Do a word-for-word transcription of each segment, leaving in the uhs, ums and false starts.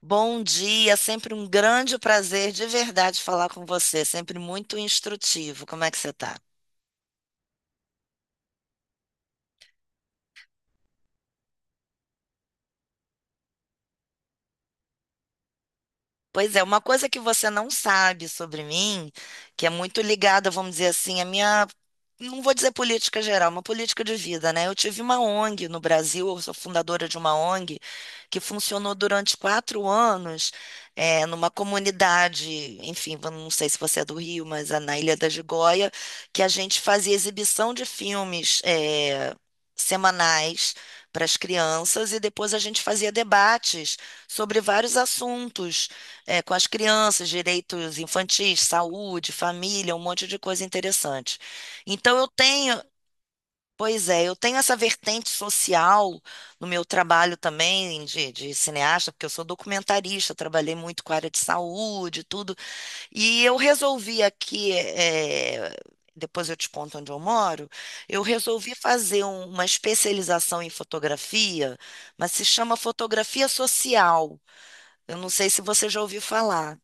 Bom dia, sempre um grande prazer de verdade falar com você, sempre muito instrutivo. Como é que você está? Pois é, uma coisa que você não sabe sobre mim, que é muito ligada, vamos dizer assim, à minha, não vou dizer política geral, uma política de vida, né? Eu tive uma O N G no Brasil, eu sou fundadora de uma O N G que funcionou durante quatro anos, eh, numa comunidade, enfim, eu não sei se você é do Rio, mas é na Ilha da Gigoia, que a gente fazia exibição de filmes, eh, semanais para as crianças e depois a gente fazia debates sobre vários assuntos é, com as crianças, direitos infantis, saúde, família, um monte de coisa interessante. Então eu tenho, pois é, eu tenho essa vertente social no meu trabalho também de, de cineasta, porque eu sou documentarista, trabalhei muito com a área de saúde, tudo, e eu resolvi aqui, é, depois eu te conto onde eu moro, eu resolvi fazer um- uma especialização em fotografia, mas se chama fotografia social. Eu não sei se você já ouviu falar.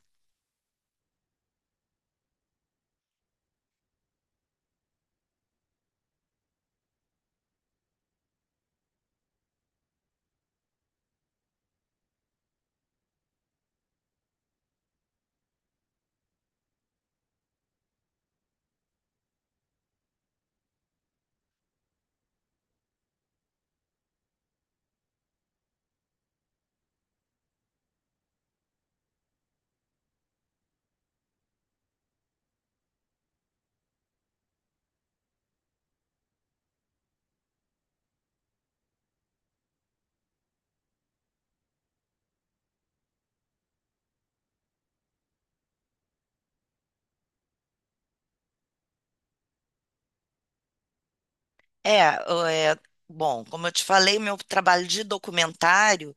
É, o- é, Bom, como eu te falei, meu trabalho de documentário,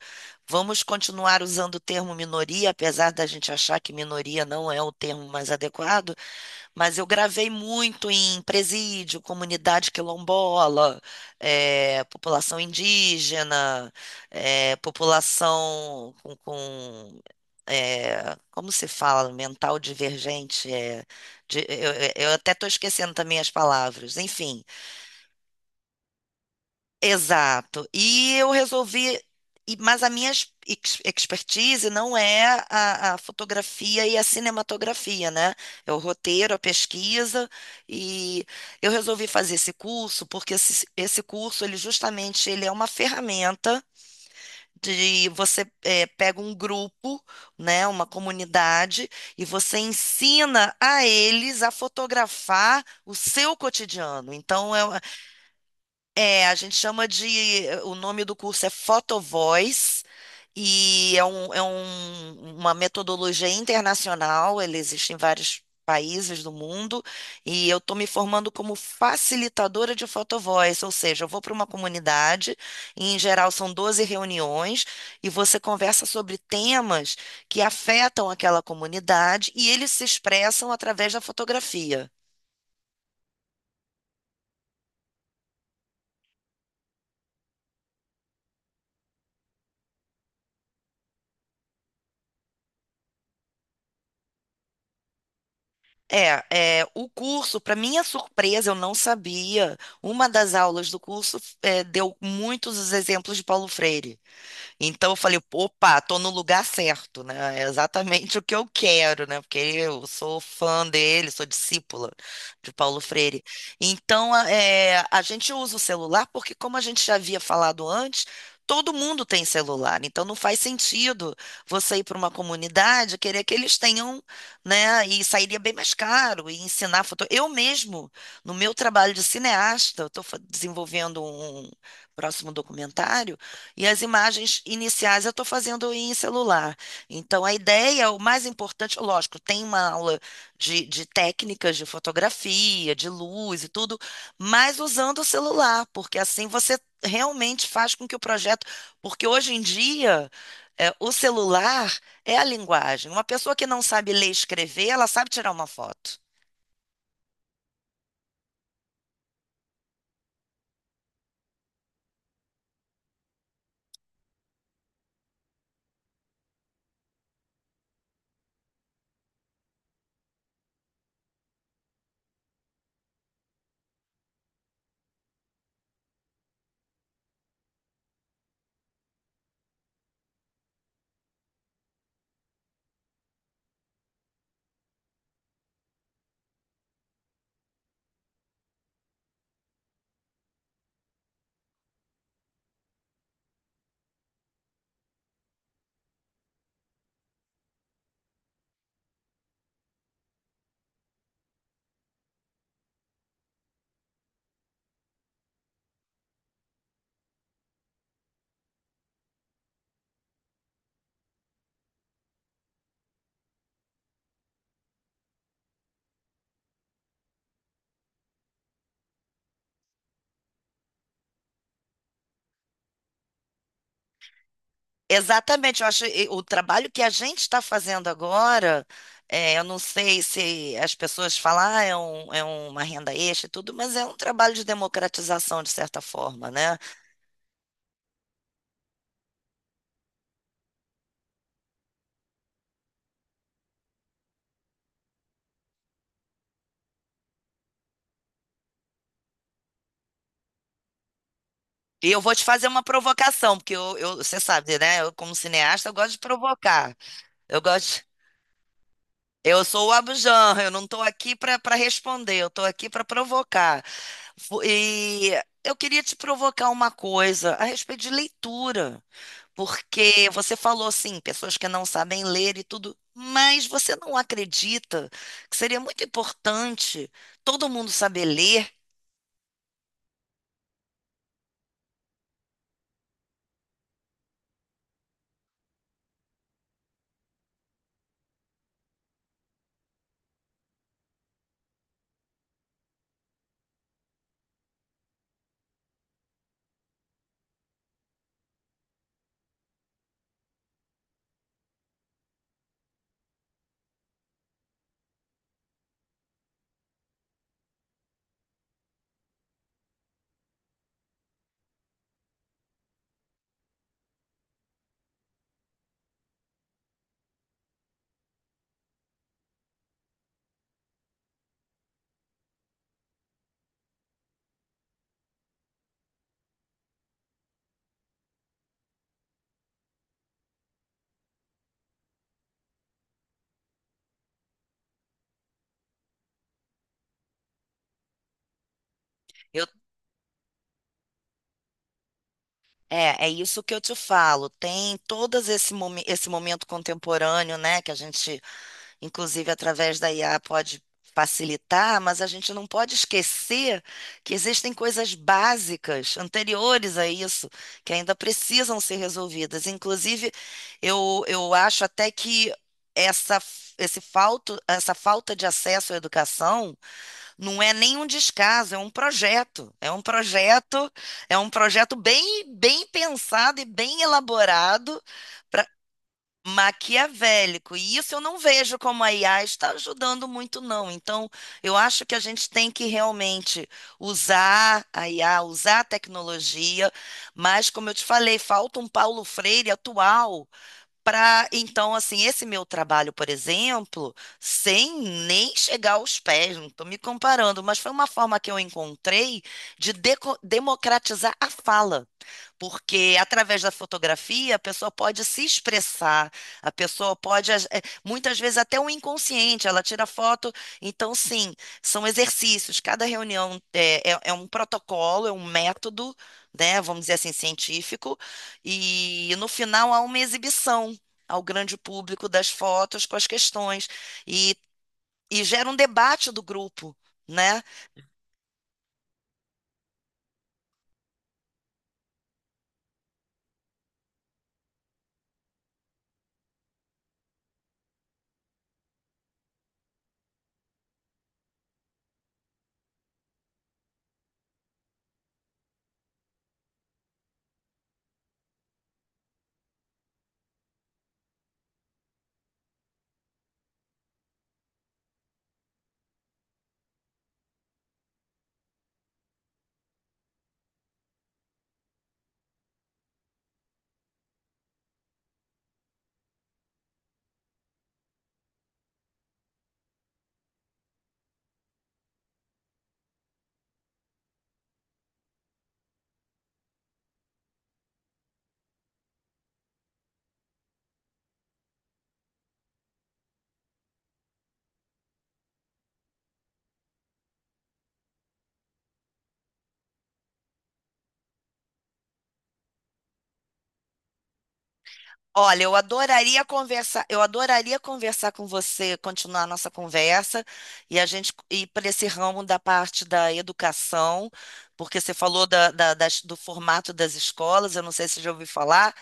vamos continuar usando o termo minoria, apesar da gente achar que minoria não é o termo mais adequado, mas eu gravei muito em presídio, comunidade quilombola, é, população indígena, é, população com, com, é, como se fala, mental divergente, é, de- eu eu- eu até estou esquecendo também as palavras, enfim. Exato. E eu resolvi. e- Mas a minha ex- ex- expertise não é a, a fotografia e a cinematografia, né? É o roteiro, a pesquisa. E eu resolvi fazer esse curso porque esse, esse curso, ele justamente, ele é uma ferramenta de você eh, pega um grupo, né, uma comunidade, e você ensina a eles a fotografar o seu cotidiano. Então, é, é, a gente chama de. eh, O nome do curso é Photovoice e é, um, é um- uma metodologia internacional, ele existe em vários países do mundo, e eu estou me formando como facilitadora de Photovoice, ou seja, eu vou para uma comunidade, e em geral são doze reuniões, e você conversa sobre temas que afetam aquela comunidade e eles se expressam através da fotografia. É, é, o curso, para minha surpresa, eu não sabia. Uma das aulas do curso é, deu muitos os exemplos de Paulo Freire. Então eu falei, opa, tô no lugar certo, né? É exatamente o que eu quero, né? Porque eu sou fã dele, sou discípula de Paulo Freire. Então a é, a gente usa o celular porque, como a gente já havia falado antes, todo mundo tem celular. Então não faz sentido você ir para uma comunidade e querer que eles tenham, né? E sairia bem mais caro e ensinar foto. Eu mesmo, no meu trabalho de cineasta, eu estou desenvolvendo um um próximo documentário. E as imagens iniciais eu estou fazendo em celular. Então, a ideia, o mais importante, lógico, tem uma aula de, de técnicas de fotografia, de luz e tudo, mas usando o celular, porque assim você realmente faz com que o projeto. Porque hoje em dia, é, o celular é a linguagem. Uma pessoa que não sabe ler e escrever, ela sabe tirar uma foto. Exatamente, eu acho e- o trabalho que a gente está fazendo agora, é, eu não sei se as pessoas falam, ah, é, um- é uma renda extra e tudo, mas é um trabalho de democratização, de certa forma, né? E eu vou te fazer uma provocação, porque eu, eu- você sabe, né? Eu, como cineasta, eu gosto de provocar. Eu gosto. Eu sou o Abujamra, eu não estou aqui para para responder, eu estou aqui para provocar. Vo- E eu queria te provocar uma coisa a respeito de leitura. Porque você falou assim, pessoas que não sabem ler e tudo, mas você não acredita que seria muito importante todo mundo saber ler? Eu, é, é isso que eu te falo. Tem todo esse, momen- esse momento contemporâneo, né, que a gente Inclusive, através da I A pode facilitar, mas a gente não pode esquecer que existem coisas básicas anteriores a isso que ainda precisam ser resolvidas. Inclusive, eu, eu acho até que essa, esse falto, essa falta de acesso à educação não é nem um descaso, é um projeto. É um projeto, é um projeto bem, bem pensado e bem elaborado maquiavélico. E isso eu não vejo como a I A está ajudando muito, não. Então, eu acho que a gente tem que realmente usar a I A, usar a tecnologia, mas, como eu te falei, falta um Paulo Freire atual. Para, então, assim, esse meu trabalho, por exemplo, sem nem chegar aos pés, não estou me comparando, mas foi uma forma que eu encontrei de deco- democratizar a fala. Porque através da fotografia a pessoa pode se expressar, a pessoa pode, as- eh, muitas vezes até o inconsciente, ela tira foto. Então, sim, são exercícios. Cada reunião é, é- é um protocolo, é um método, né, vamos dizer assim, científico, e no final há uma exibição ao grande público das fotos com as questões. E, e gera um debate do grupo. Né? Olha, eu adoraria conversar, eu adoraria conversar com você, continuar a nossa conversa e a gente ir para esse ramo da parte da educação, porque você falou da- da- das- do formato das escolas, eu não sei se você já ouviu falar.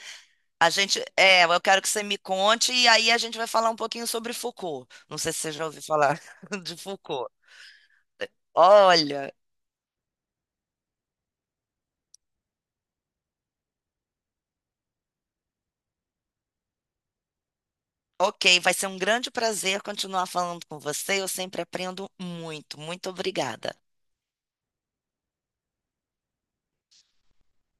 A gente, é, eu quero que você me conte e aí a gente vai falar um pouquinho sobre Foucault. Não sei se você já ouviu falar de Foucault. Olha, ok, vai ser um grande prazer continuar falando com você. Eu sempre aprendo muito. Muito obrigada.